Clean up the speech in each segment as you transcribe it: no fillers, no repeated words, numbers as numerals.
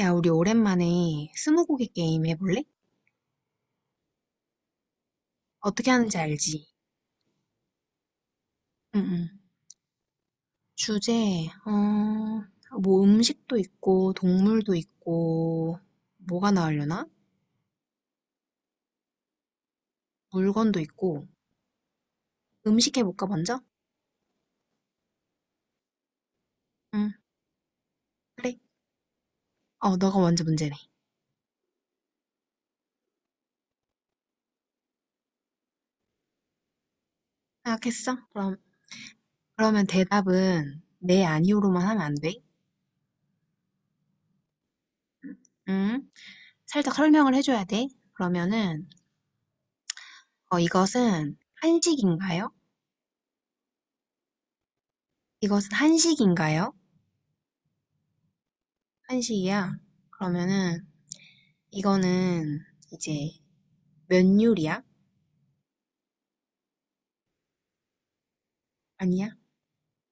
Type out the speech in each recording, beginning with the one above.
야, 우리 오랜만에 스무고개 게임 해볼래? 어떻게 하는지 알지? 응응. 주제, 어, 뭐 음식도 있고, 동물도 있고, 뭐가 나오려나? 물건도 있고. 음식 해볼까, 먼저? 응, 그래. 어, 너가 먼저 문제네. 생각했어? 그럼, 그러면 대답은 네, 아니오로만 하면 안 돼? 응? 살짝 설명을 해줘야 돼. 그러면은, 어, 이것은 한식인가요? 이것은 한식인가요? 한식이야. 그러면은, 이거는 이제 면 요리야? 아니야?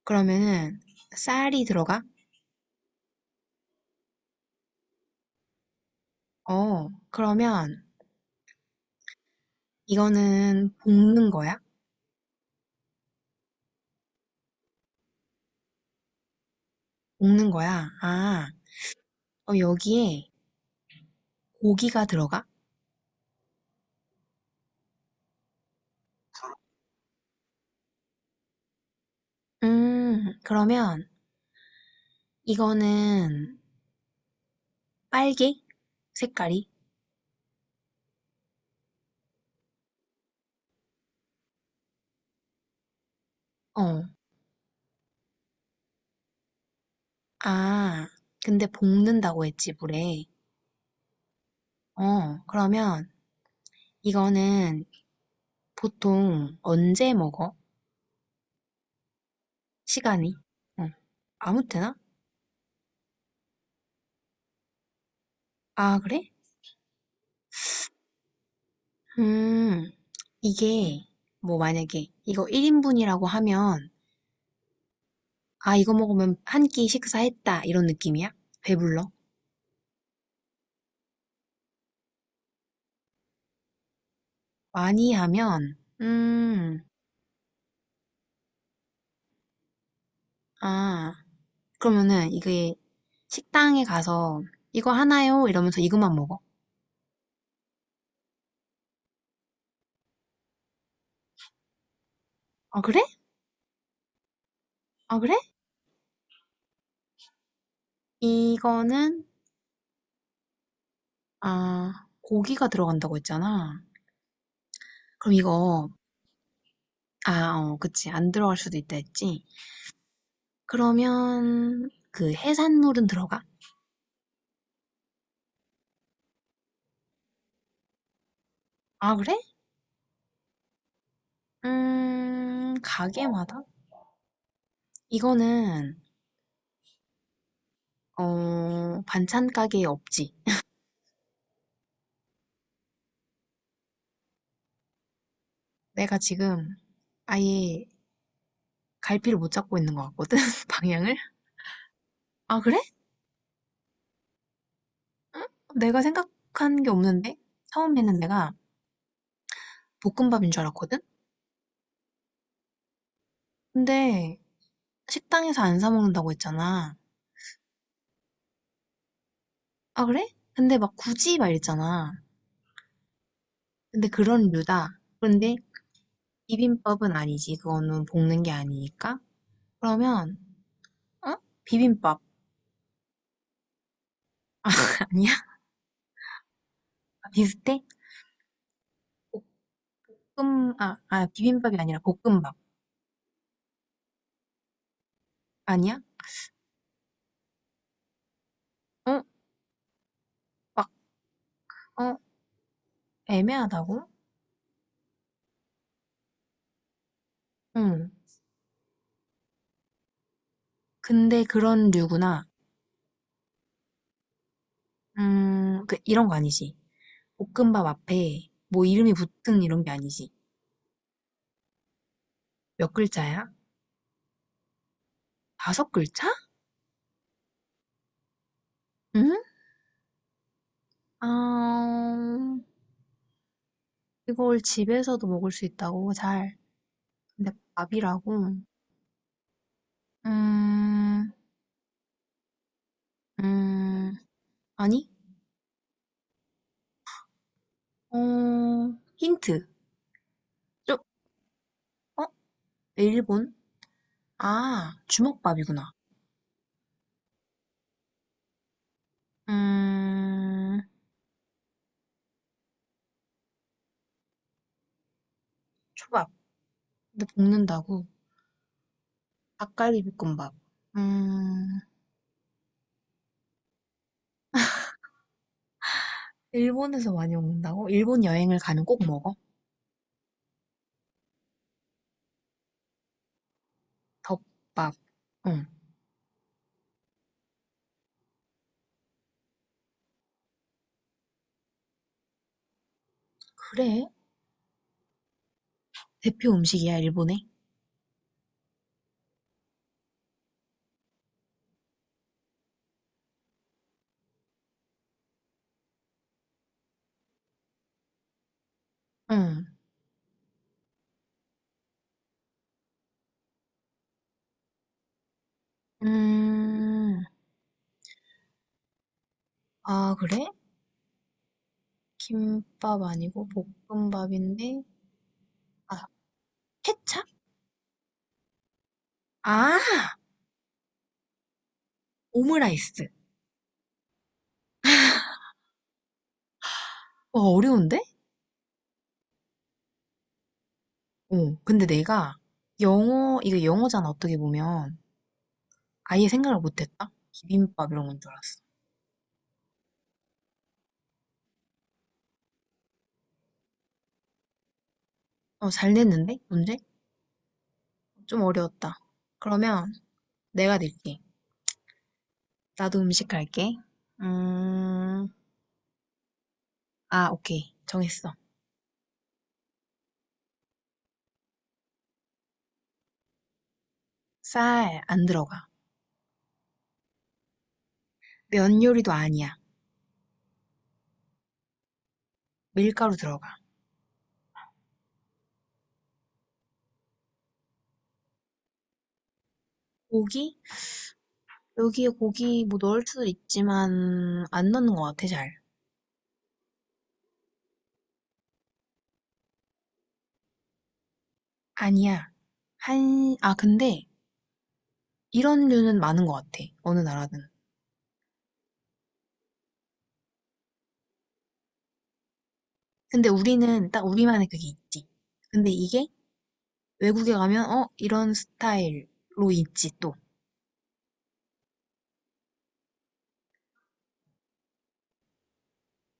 그러면은 쌀이 들어가? 어, 그러면 이거는 볶는 거야? 볶는 거야? 아, 어, 여기에 고기가 들어가? 그러면 이거는 빨개? 색깔이? 어, 아, 근데 볶는다고 했지, 물에. 어, 그러면 이거는 보통 언제 먹어? 시간이? 어, 아무 때나? 아, 그래? 음, 이게, 뭐, 만약에, 이거 1인분이라고 하면, 아, 이거 먹으면 한 끼 식사했다, 이런 느낌이야? 배불러? 많이 하면, 음, 아, 그러면은, 이게, 식당에 가서, 이거 하나요? 이러면서 이것만 먹어. 아, 그래? 아, 그래? 이거는, 아, 고기가 들어간다고 했잖아. 그럼 이거, 아, 어, 그치. 안 들어갈 수도 있다 했지. 그러면, 그 해산물은 들어가? 아, 그래? 가게마다? 이거는, 어, 반찬 가게에 없지. 내가 지금 아예 갈피를 못 잡고 있는 것 같거든, 방향을? 아, 그래? 내가 생각한 게 없는데? 처음에는 내가 볶음밥인 줄 알았거든? 근데 식당에서 안 사 먹는다고 했잖아. 아, 그래? 근데 막 굳이 막 이랬잖아. 근데 그런 류다. 그런데 비빔밥은 아니지. 그거는 볶는 게 아니니까. 그러면, 어? 비빔밥 아니야? 비슷해? 볶음 아, 아 비빔밥이 아니라 볶음밥. 아니야? 어? 막, 어? 애매하다고? 응. 근데 그런 류구나. 그, 이런 거 아니지. 볶음밥 앞에 뭐 이름이 붙은 이런 게 아니지. 몇 글자야? 다섯 글자? 응? 아, 이걸 집에서도 먹을 수 있다고, 잘. 근데 밥이라고? 음, 음, 아니? 어, 힌트. 좀, 어? 일본? 아, 주먹밥이구나. 음, 초밥. 근데 볶는다고? 닭갈비 볶음밥. 음, 일본에서 많이 먹는다고? 일본 여행을 가면 꼭 먹어? 덮밥. 응. 그래? 대표 음식이야, 일본에? 응. 음, 아, 그래? 김밥 아니고 볶음밥인데? 아, 케찹? 아, 오므라이스. 와, 어려운데? 어, 근데 내가 영어, 이거 영어잖아, 어떻게 보면. 아예 생각을 못했다? 비빔밥 이런 건 줄 알았어. 어, 잘 냈는데? 문제? 좀 어려웠다. 그러면 내가 낼게. 나도 음식 할게. 음, 아, 오케이. 정했어. 쌀 안 들어가. 면 요리도 아니야. 밀가루 들어가. 고기? 여기에 고기 뭐 넣을 수도 있지만 안 넣는 것 같아, 잘. 아니야. 한, 아, 근데 이런 류는 많은 것 같아. 어느 나라든. 근데 우리는 딱 우리만의 그게 있지. 근데 이게 외국에 가면, 어, 이런 스타일로 있지, 또.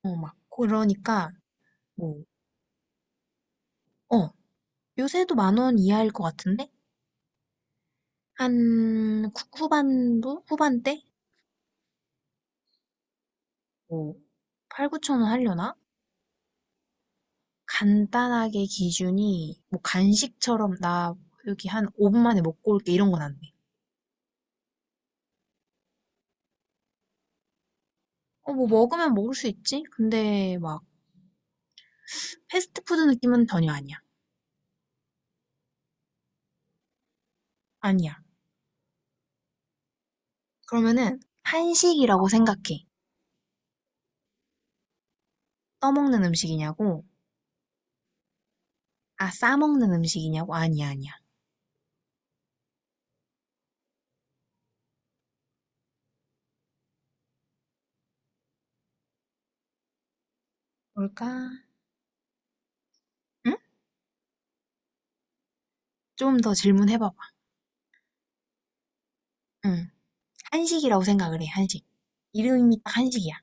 어, 막, 그러니까, 뭐, 어, 요새도 만원 이하일 것 같은데? 한, 후반도? 후반대? 뭐, 8, 9천 원 하려나? 간단하게 기준이, 뭐, 간식처럼, 나, 여기 한 5분 만에 먹고 올게, 이런 건 안 돼. 어, 뭐, 먹으면 먹을 수 있지? 근데, 막, 패스트푸드 느낌은 전혀 아니야. 아니야. 그러면은, 한식이라고 생각해. 떠먹는 음식이냐고? 아, 싸먹는 음식이냐고? 아니야, 아니야. 뭘까? 응? 좀 더 질문해봐봐. 응. 한식이라고 생각을 해, 한식. 이름이 딱 한식이야.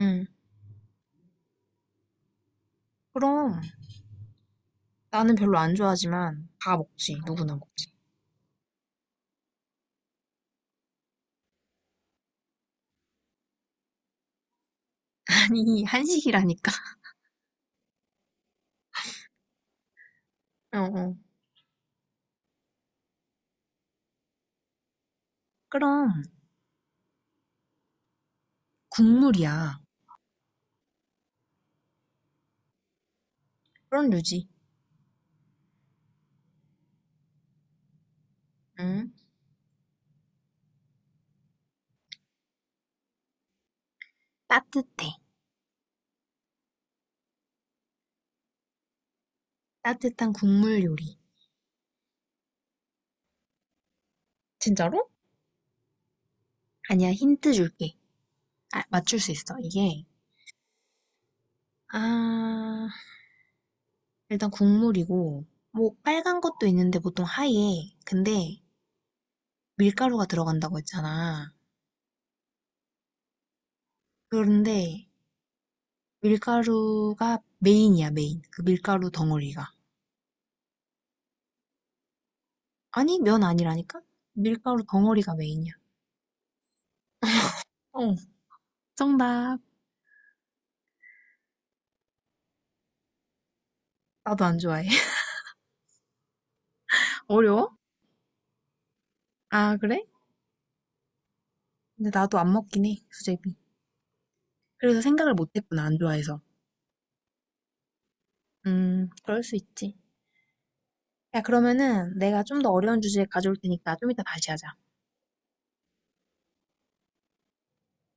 응. 그럼 나는 별로 안 좋아하지만 다 먹지, 누구나 먹지. 아니, 한식이라니까. 어, 어. 그럼 국물이야. 그런 류지. 응. 따뜻해. 따뜻한 국물 요리. 진짜로? 아니야, 힌트 줄게. 아, 맞출 수 있어. 이게 아, 일단 국물이고 뭐 빨간 것도 있는데 보통 하얘. 근데 밀가루가 들어간다고 했잖아. 그런데 밀가루가 메인이야, 메인. 그 밀가루 덩어리가. 아니, 면 아니라니까? 밀가루 덩어리가 메인이야. 어, 정답. 나도 안 좋아해. 어려워? 아, 그래? 근데 나도 안 먹긴 해, 수제비. 그래서 생각을 못 했구나, 안 좋아해서. 그럴 수 있지. 야, 그러면은 내가 좀 더 어려운 주제 가져올 테니까 좀 이따 다시 하자.